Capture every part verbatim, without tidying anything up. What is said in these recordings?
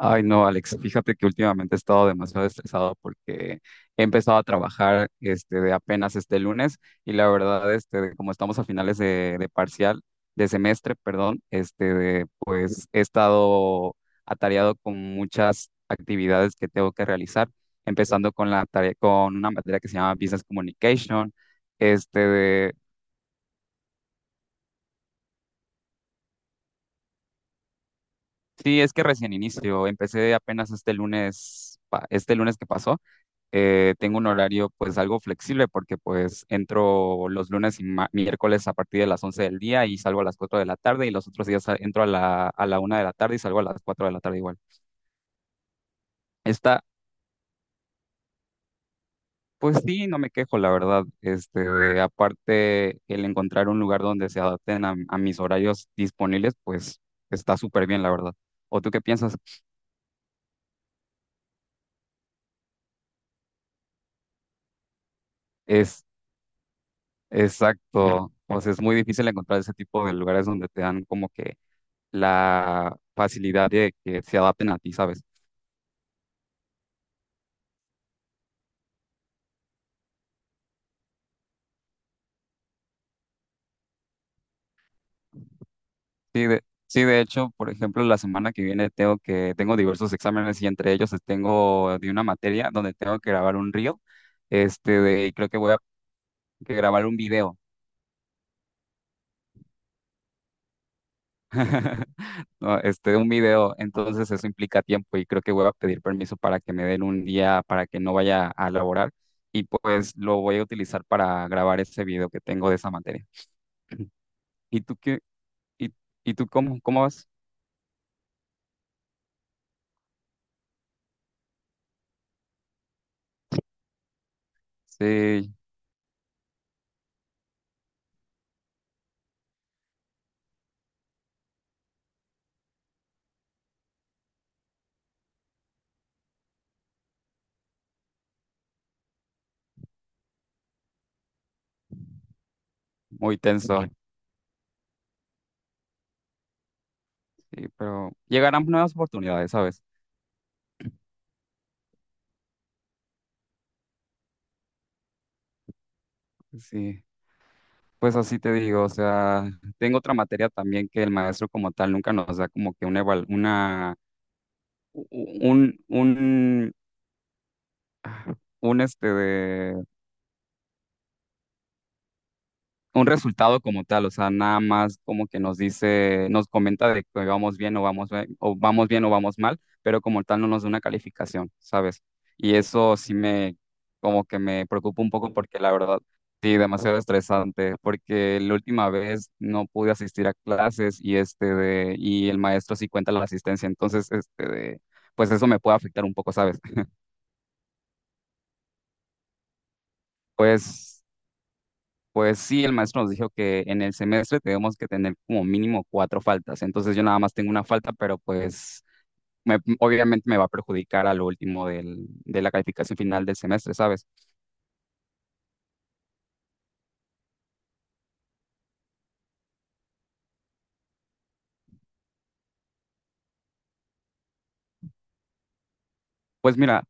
Ay, no, Alex, fíjate que últimamente he estado demasiado estresado porque he empezado a trabajar este, de apenas este lunes y la verdad, este, de como estamos a finales de, de parcial, de semestre, perdón, este, de, pues he estado atareado con muchas actividades que tengo que realizar, empezando con la tarea, con una materia que se llama Business Communication. Este, de, sí, es que recién inicio, empecé apenas este lunes, pa- este lunes que pasó. Eh, tengo un horario pues algo flexible porque pues entro los lunes y ma- miércoles a partir de las once del día y salgo a las cuatro de la tarde, y los otros días sa- entro a la, a la una de la tarde y salgo a las cuatro de la tarde igual. Está, pues sí, no me quejo, la verdad. Este, aparte, el encontrar un lugar donde se adapten a, a mis horarios disponibles, pues está súper bien, la verdad. ¿O tú qué piensas? Es exacto. O sea, es muy difícil encontrar ese tipo de lugares donde te dan como que la facilidad de que se adapten a ti, ¿sabes? Sí, de, sí, de hecho, por ejemplo, la semana que viene tengo que, tengo diversos exámenes y entre ellos eh, tengo de una materia donde tengo que grabar un reel, este, de, y creo que voy a que grabar un video. No, este, un video, entonces eso implica tiempo y creo que voy a pedir permiso para que me den un día para que no vaya a laborar y pues lo voy a utilizar para grabar ese video que tengo de esa materia. ¿Y tú qué? ¿Y, y tú cómo, cómo vas? Sí, muy tenso. Sí, pero llegarán nuevas oportunidades, ¿sabes? Sí, pues así te digo, o sea, tengo otra materia también que el maestro como tal nunca nos da como que una, eval- una, u- u- un, un, un, este, un resultado como tal. O sea, nada más como que nos dice, nos comenta de que vamos bien o vamos, be- o vamos bien o vamos mal, pero como tal no nos da una calificación, ¿sabes? Y eso sí me, como que me preocupa un poco porque la verdad, sí, demasiado estresante, porque la última vez no pude asistir a clases y este de, y el maestro sí cuenta la asistencia, entonces este de, pues eso me puede afectar un poco, ¿sabes? Pues Pues sí, el maestro nos dijo que en el semestre tenemos que tener como mínimo cuatro faltas. Entonces yo nada más tengo una falta, pero pues me- obviamente me va a perjudicar a lo último del- de la calificación final del semestre, ¿sabes? Pues mira,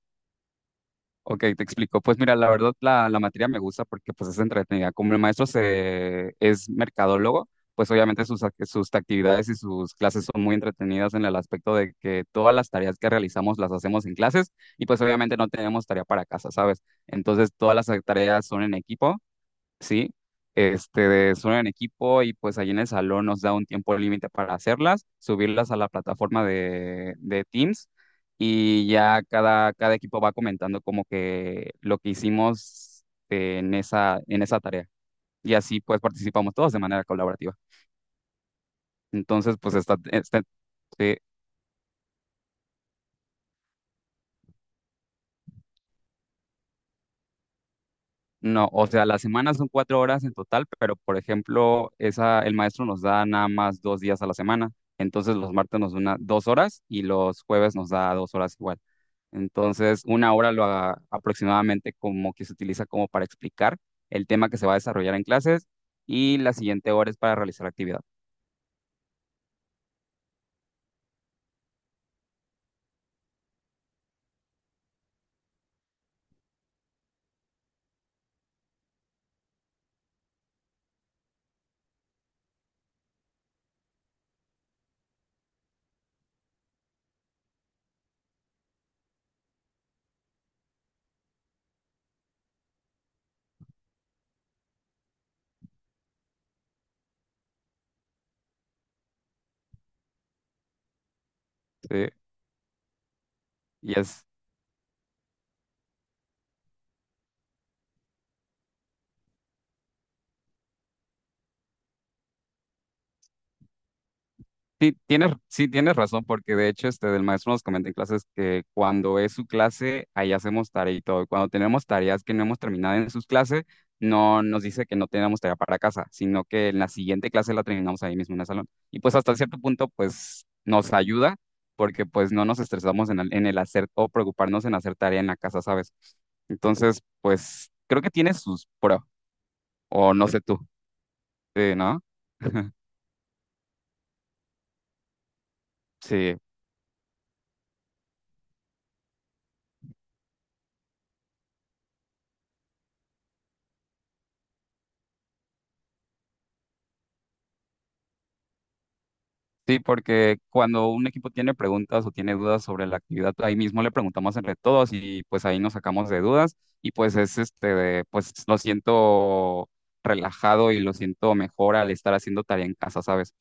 Ok, te explico. Pues mira, la verdad la, la materia me gusta porque pues es entretenida. Como el maestro se, es mercadólogo, pues obviamente sus, ac- sus actividades y sus clases son muy entretenidas en el aspecto de que todas las tareas que realizamos las hacemos en clases, y pues obviamente no tenemos tarea para casa, ¿sabes? Entonces todas las tareas son en equipo. Sí, este, de solo en equipo, y pues allí en el salón nos da un tiempo límite para hacerlas, subirlas a la plataforma de, de Teams, y ya cada, cada equipo va comentando como que lo que hicimos en esa, en esa tarea. Y así pues participamos todos de manera colaborativa. Entonces pues está, está, sí. No, o sea, las semanas son cuatro horas en total, pero por ejemplo, esa, el maestro nos da nada más dos días a la semana. Entonces los martes nos da una- dos horas y los jueves nos da dos horas igual. Entonces, una hora lo a- aproximadamente como que se utiliza como para explicar el tema que se va a desarrollar en clases, y la siguiente hora es para realizar actividad. ¿Sí? Y es Sí, tienes, sí, tienes razón, porque de hecho este, el maestro nos comenta en clases que cuando es su clase, ahí hacemos tarea y todo. Y cuando tenemos tareas que no hemos terminado en sus clases, no nos dice que no tenemos tarea para casa, sino que en la siguiente clase la terminamos ahí mismo en el salón. Y pues hasta cierto punto, pues nos ayuda, porque pues no nos estresamos en el, en el hacer o preocuparnos en hacer tarea en la casa, ¿sabes? Entonces, pues creo que tiene sus pro, o no sé tú, eh, ¿no? Sí. Sí, porque cuando un equipo tiene preguntas o tiene dudas sobre la actividad, ahí mismo le preguntamos entre todos y pues ahí nos sacamos de dudas, y pues es este, de, pues lo siento relajado y lo siento mejor al estar haciendo tarea en casa, ¿sabes?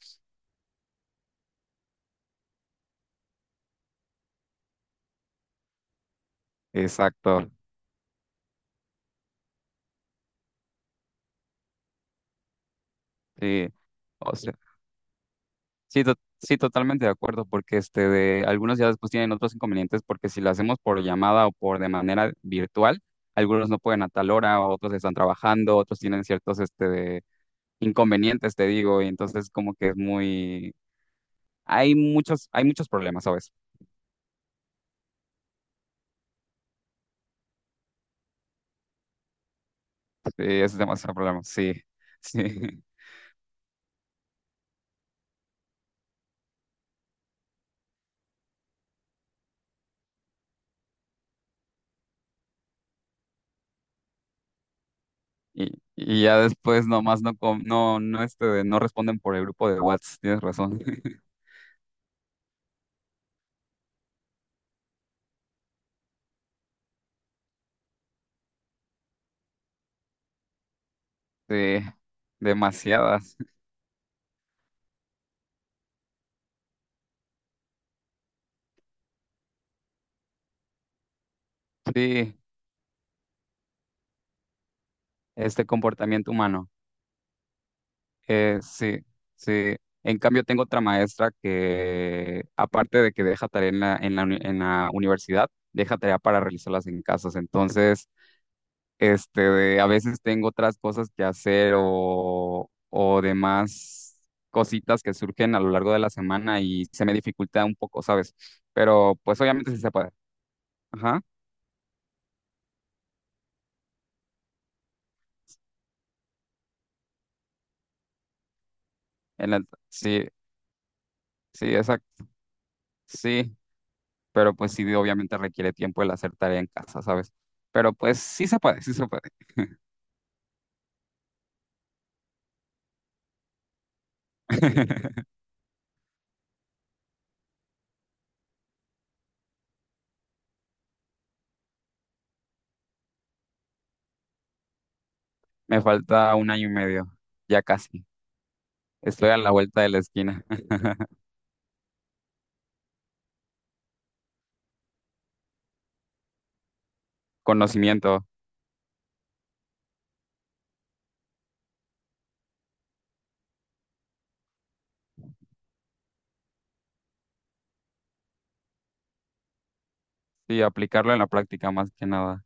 Exacto, sí, o sea, sí, to- sí, totalmente de acuerdo, porque este, de algunos ya después tienen otros inconvenientes, porque si lo hacemos por llamada o por de manera virtual, algunos no pueden a tal hora, otros están trabajando, otros tienen ciertos este, inconvenientes, te digo, y entonces como que es muy, hay muchos, hay muchos problemas, ¿sabes? Sí, es demasiado problema, sí, sí. Y, y ya después nomás no, com- no, no, este, no responden por el grupo de WhatsApp, tienes razón. Sí, demasiadas. Sí, este comportamiento humano. Eh, sí, sí. En cambio, tengo otra maestra que, aparte de que deja tarea en la, en la, uni- en la universidad, deja tarea para realizarlas en casas. Entonces, este, de a veces tengo otras cosas que hacer o, o demás cositas que surgen a lo largo de la semana y se me dificulta un poco, ¿sabes? Pero pues obviamente sí se puede. Ajá. En la- sí, sí, exacto. Sí, pero pues sí, obviamente requiere tiempo el hacer tarea en casa, ¿sabes? Pero pues sí se puede, sí se puede. Me falta un año y medio, ya casi. Estoy a la vuelta de la esquina. Conocimiento, sí, aplicarlo en la práctica más que nada.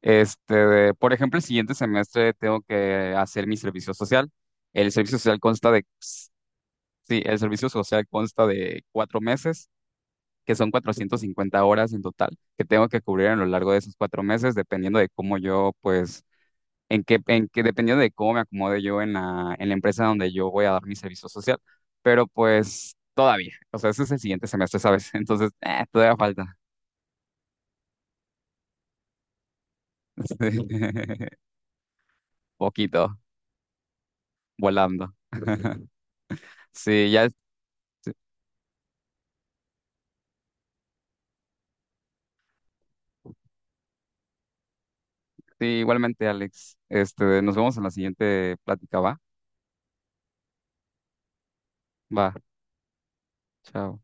Este, de- por ejemplo, el siguiente semestre tengo que hacer mi servicio social. El servicio social consta de, Sí, el servicio social consta de cuatro meses, que son cuatrocientas cincuenta horas en total, que tengo que cubrir a lo largo de esos cuatro meses, dependiendo de cómo yo, pues, en qué, en qué, dependiendo de cómo me acomode yo en la, en la empresa donde yo voy a dar mi servicio social. Pero pues, todavía, o sea, ese es el siguiente semestre, ¿sabes? Entonces, eh, todavía falta. Poquito, volando. Sí, ya. Sí, igualmente, Alex. Este, nos vemos en la siguiente plática, ¿va? Va, chao.